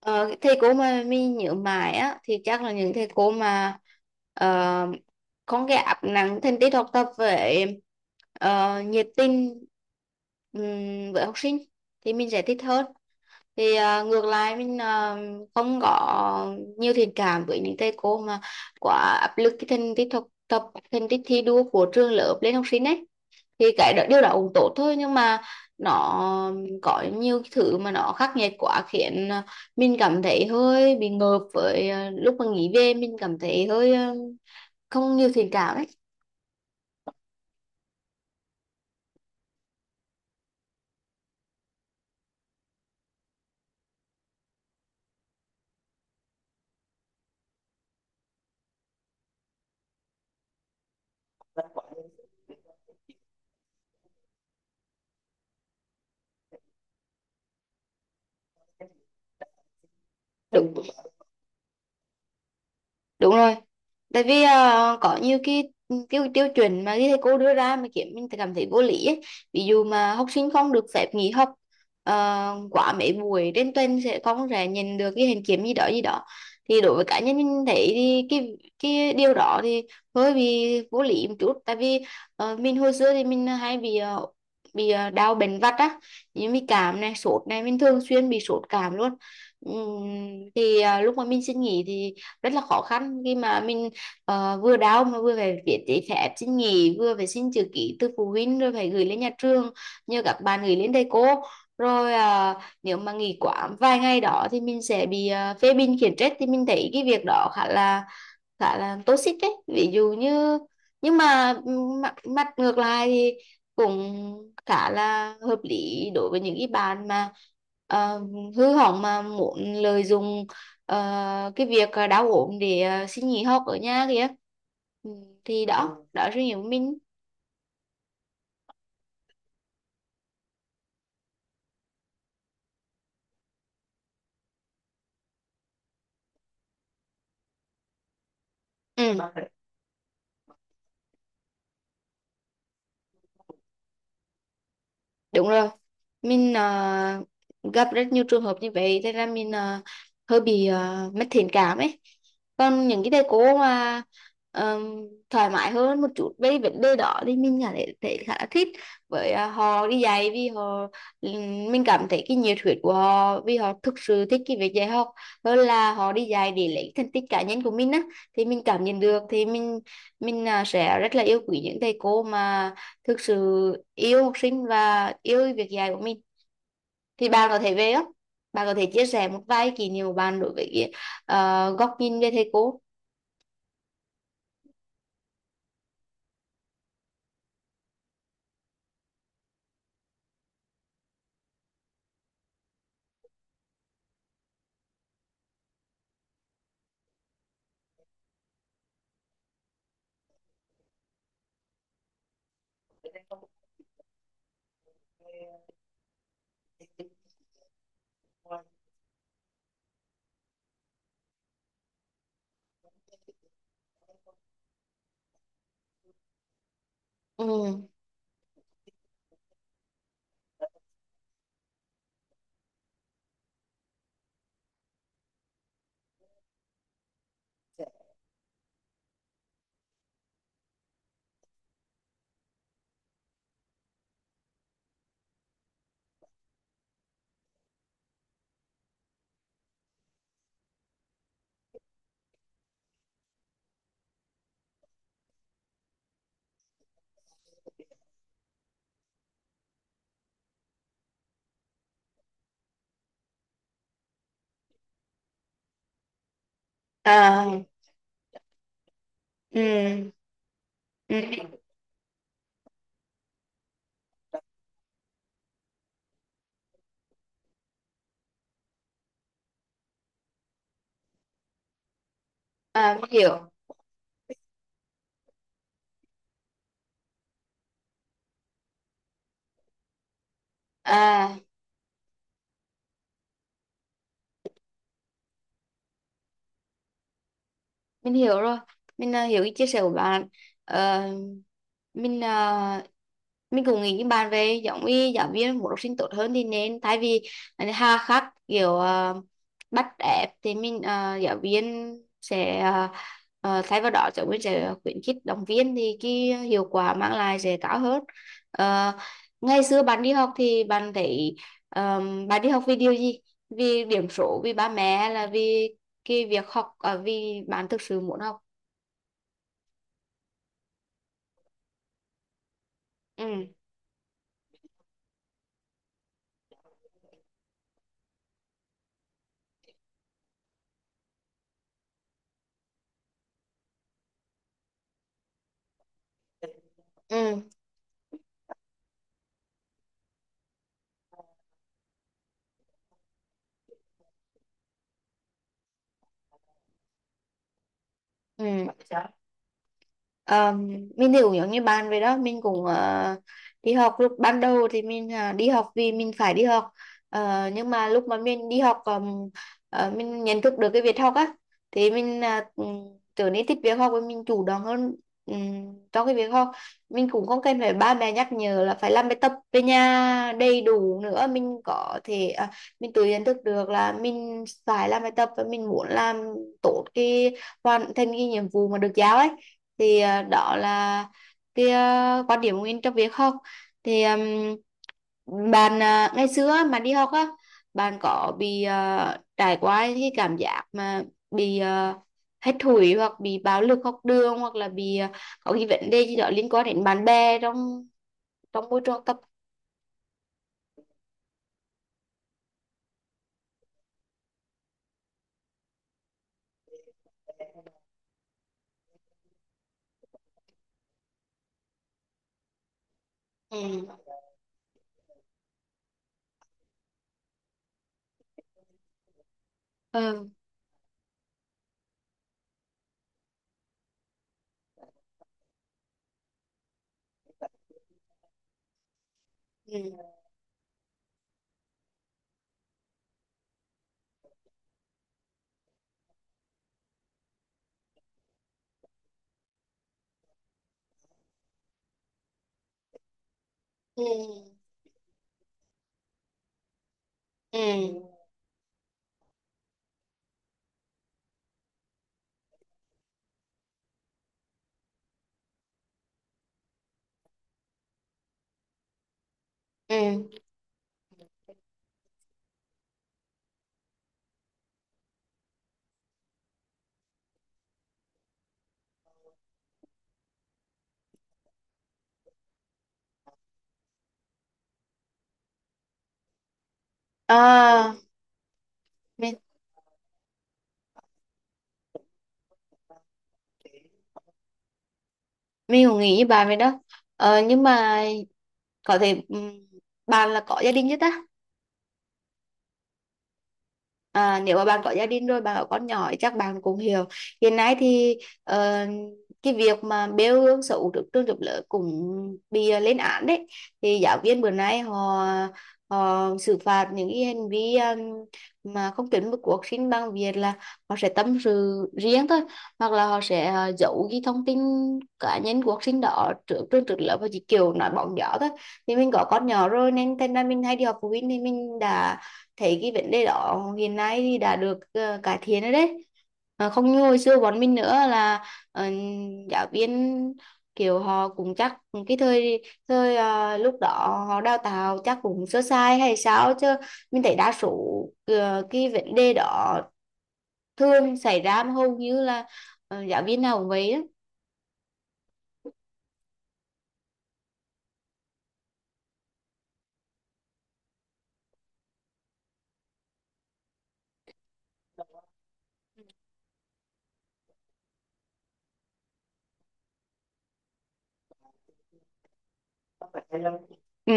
Ờ, Thầy cô mà mình nhớ mãi á thì chắc là những thầy cô mà ờ, không cái áp nặng thành tích học tập với ờ, nhiệt tình với học sinh thì mình sẽ thích hơn. Thì ngược lại mình không có nhiều thiện cảm với những thầy cô mà quá áp lực cái thành tích học tập, thành tích thi đua của trường lớp lên học sinh ấy. Thì điều đó cũng tốt thôi, nhưng mà nó có nhiều cái thứ mà nó khắc nghiệt quá khiến mình cảm thấy hơi bị ngợp. Với lúc mà nghỉ về mình cảm thấy hơi không nhiều thiện cảm ấy. Đúng đúng rồi, tại vì có nhiều cái tiêu tiêu chuẩn mà cái thầy cô đưa ra mà khiến mình cảm thấy vô lý ấy. Ví dụ mà học sinh không được phép nghỉ học quá mấy buổi trên tuần sẽ không sẽ nhận được cái hình kiểm gì đó gì đó. Thì đối với cá nhân mình thấy thì cái điều đó thì hơi bị vô lý một chút, tại vì mình hồi xưa thì mình hay bị bị đau bệnh vặt á, như bị cảm này, sốt này, mình thường xuyên bị sốt cảm luôn. Thì lúc mà mình xin nghỉ thì rất là khó khăn, khi mà mình vừa đau mà vừa phải viết giấy phép xin nghỉ, vừa phải xin chữ ký từ phụ huynh, rồi phải gửi lên nhà trường, nhờ các bạn gửi lên thầy cô, rồi nếu mà nghỉ quá vài ngày đó thì mình sẽ bị phê bình khiển trách. Thì mình thấy cái việc đó khá là toxic đấy, ví dụ như. Nhưng mà mặt ngược lại thì cũng khá là hợp lý đối với những cái bạn mà ờ, hư hỏng mà muốn lợi dụng Ờ, cái việc đau ốm để xin nghỉ học ở nhà kìa. Ừ, thì đó. Ừ. Đó là suy nghĩ của mình. Ừ, đúng rồi, mình gặp rất nhiều trường hợp như vậy, thế là mình hơi bị mất thiện cảm ấy. Còn những cái thầy cô mà ờm, thoải mái hơn một chút về vấn đề đó thì mình cảm thấy khá là thích. Với họ đi dạy vì họ, mình cảm thấy cái nhiệt huyết của họ, vì họ thực sự thích cái việc dạy học hơn là họ đi dạy để lấy thành tích cá nhân của mình á. Thì mình cảm nhận được thì mình sẽ rất là yêu quý những thầy cô mà thực sự yêu học sinh và yêu việc dạy của mình. Thì bạn có thể về không, bạn có thể chia sẻ một vài kỷ niệm của bạn đối với góc nhìn về thầy cô. Ừ. À. Ừ. Ừ. À, hiểu. À, mình hiểu rồi, mình hiểu cái chia sẻ của bạn. Ờ, mình mình cũng nghĩ như bạn, về giống như giáo viên muốn học sinh tốt hơn thì nên thay vì hà khắc kiểu bắt ép thì giáo viên sẽ thay vào đó giáo viên sẽ khuyến khích động viên, thì cái hiệu quả mang lại sẽ cao hơn. Ờ, Ngày xưa bạn đi học thì bạn thấy ờ, bạn đi học vì điều gì, vì điểm số, vì ba mẹ, hay là vì cái việc học ở vì bạn thực sự muốn học? Ừ. Ừ. Ừ. Ờ, mình thì cũng giống như bạn vậy đó, mình cũng đi học lúc ban đầu thì mình đi học vì mình phải đi học. Nhưng mà lúc mà mình đi học mình nhận thức được cái việc học á, thì mình trở nên thích việc học và mình chủ động hơn trong cái việc học. Mình cũng không cần phải ba mẹ nhắc nhở là phải làm bài tập về nhà đầy đủ nữa, mình có thể mình tự nhận thức được là mình phải làm bài tập và mình muốn làm tốt cái hoàn thành cái nhiệm vụ mà được giao ấy. Thì đó là cái quan điểm của mình trong việc học. Thì bạn ngày xưa á, mà đi học á, bạn có bị trải qua cái cảm giác mà bị hết thủy, hoặc bị bạo lực học đường, hoặc là bị có cái vấn đề gì đó liên quan đến bạn bè trong trong môi trường học tập? Ừ. Ừ. Ừ. Ừ. Ừ. Ừ. Ừ. À, mình mình cũng nghĩ như bà vậy đó. Nhưng mà có thể bạn là có gia đình chưa ta? À, nếu mà bạn có gia đình rồi, bạn có con nhỏ thì chắc bạn cũng hiểu. Hiện nay thì ờ, cái việc mà bêu gương xấu trước trường trước lớp cũng bị lên án đấy. Thì giáo viên bữa nay họ họ xử phạt những cái hành vi mà không chuẩn mực của học sinh bằng việc là họ sẽ tâm sự riêng thôi, hoặc là họ sẽ giấu cái thông tin cá nhân của học sinh đó trước trường trước lớp và chỉ kiểu nói bóng gió thôi. Thì mình có con nhỏ rồi nên thành ra mình hay đi họp phụ huynh, thì mình đã thấy cái vấn đề đó hiện nay thì đã được cải thiện rồi đấy. Không như hồi xưa bọn mình nữa là ờ, giáo viên kiểu họ cũng chắc cái thời thời lúc đó họ đào tạo chắc cũng sơ sai hay sao chứ. Mình thấy đa số cái vấn đề đó thường xảy ra mà hầu như là giáo viên nào cũng vậy đó. Ừ.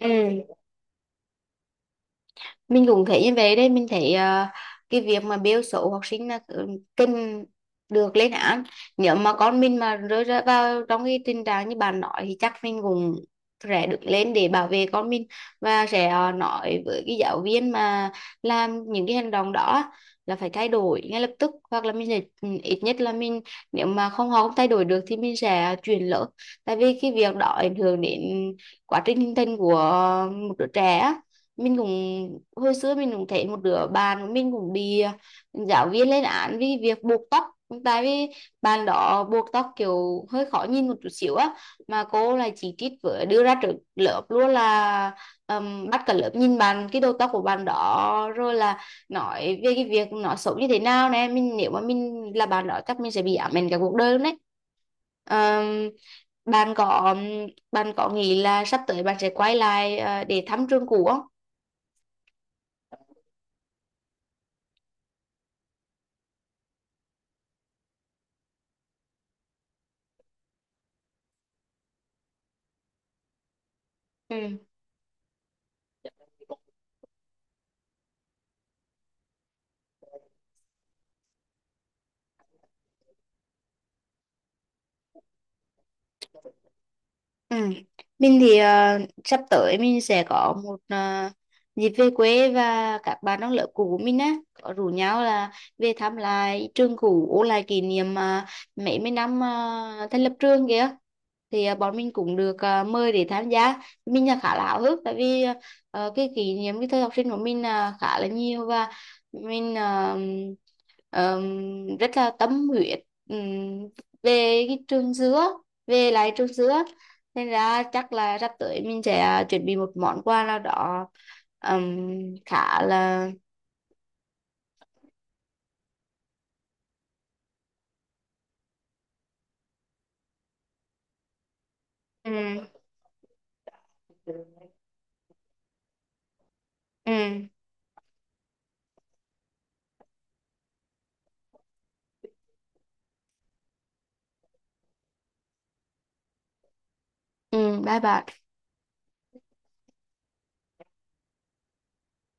Ừ. Mình cũng thấy như vậy đấy, mình thấy cái việc mà biêu xấu học sinh là ừ, cần được lên án. Nếu mà con mình mà rơi ra vào trong cái tình trạng như bạn nói thì chắc mình cũng sẽ đứng lên để bảo vệ con mình, và sẽ nói với cái giáo viên mà làm những cái hành động đó là phải thay đổi ngay lập tức, hoặc là mình sẽ ừ, ít nhất là mình nếu mà không họ không thay đổi được thì mình sẽ chuyển lớp. Tại vì cái việc đó ảnh hưởng đến quá trình hình thành của một đứa trẻ á. Mình cũng hồi xưa mình cũng thấy một đứa bạn của mình cũng bị giáo viên lên án vì việc buộc tóc. Tại vì bạn đó buộc tóc kiểu hơi khó nhìn một chút xíu á, mà cô lại chỉ trích với đưa ra trước lớp luôn, là bắt cả lớp nhìn bạn cái đầu tóc của bạn đó, rồi là nói về cái việc nó xấu như thế nào nè. Mình nếu mà mình là bạn đó chắc mình sẽ bị ám ảnh cả cuộc đời luôn đấy. Ờm, bạn có Bạn có nghĩ là sắp tới bạn sẽ quay lại để thăm trường cũ không? Ừ. Ừ. Mình thì sắp tới mình sẽ có một dịp về quê, và các bạn trong lớp cũ của mình á có rủ nhau là về thăm lại trường cũ, ôn lại kỷ niệm mấy mươi năm thành lập trường kìa. Thì bọn mình cũng được mời để tham gia, mình là khá là háo hức, tại vì cái kỷ niệm cái thời học sinh của mình là khá là nhiều, và mình rất là tâm huyết ừm, về cái trường dứa, về lại trường dứa, nên ra chắc là sắp tới mình sẽ chuẩn bị một món quà nào đó ừm, khá là. Ừ. Ừ. Ừ. Bye bye.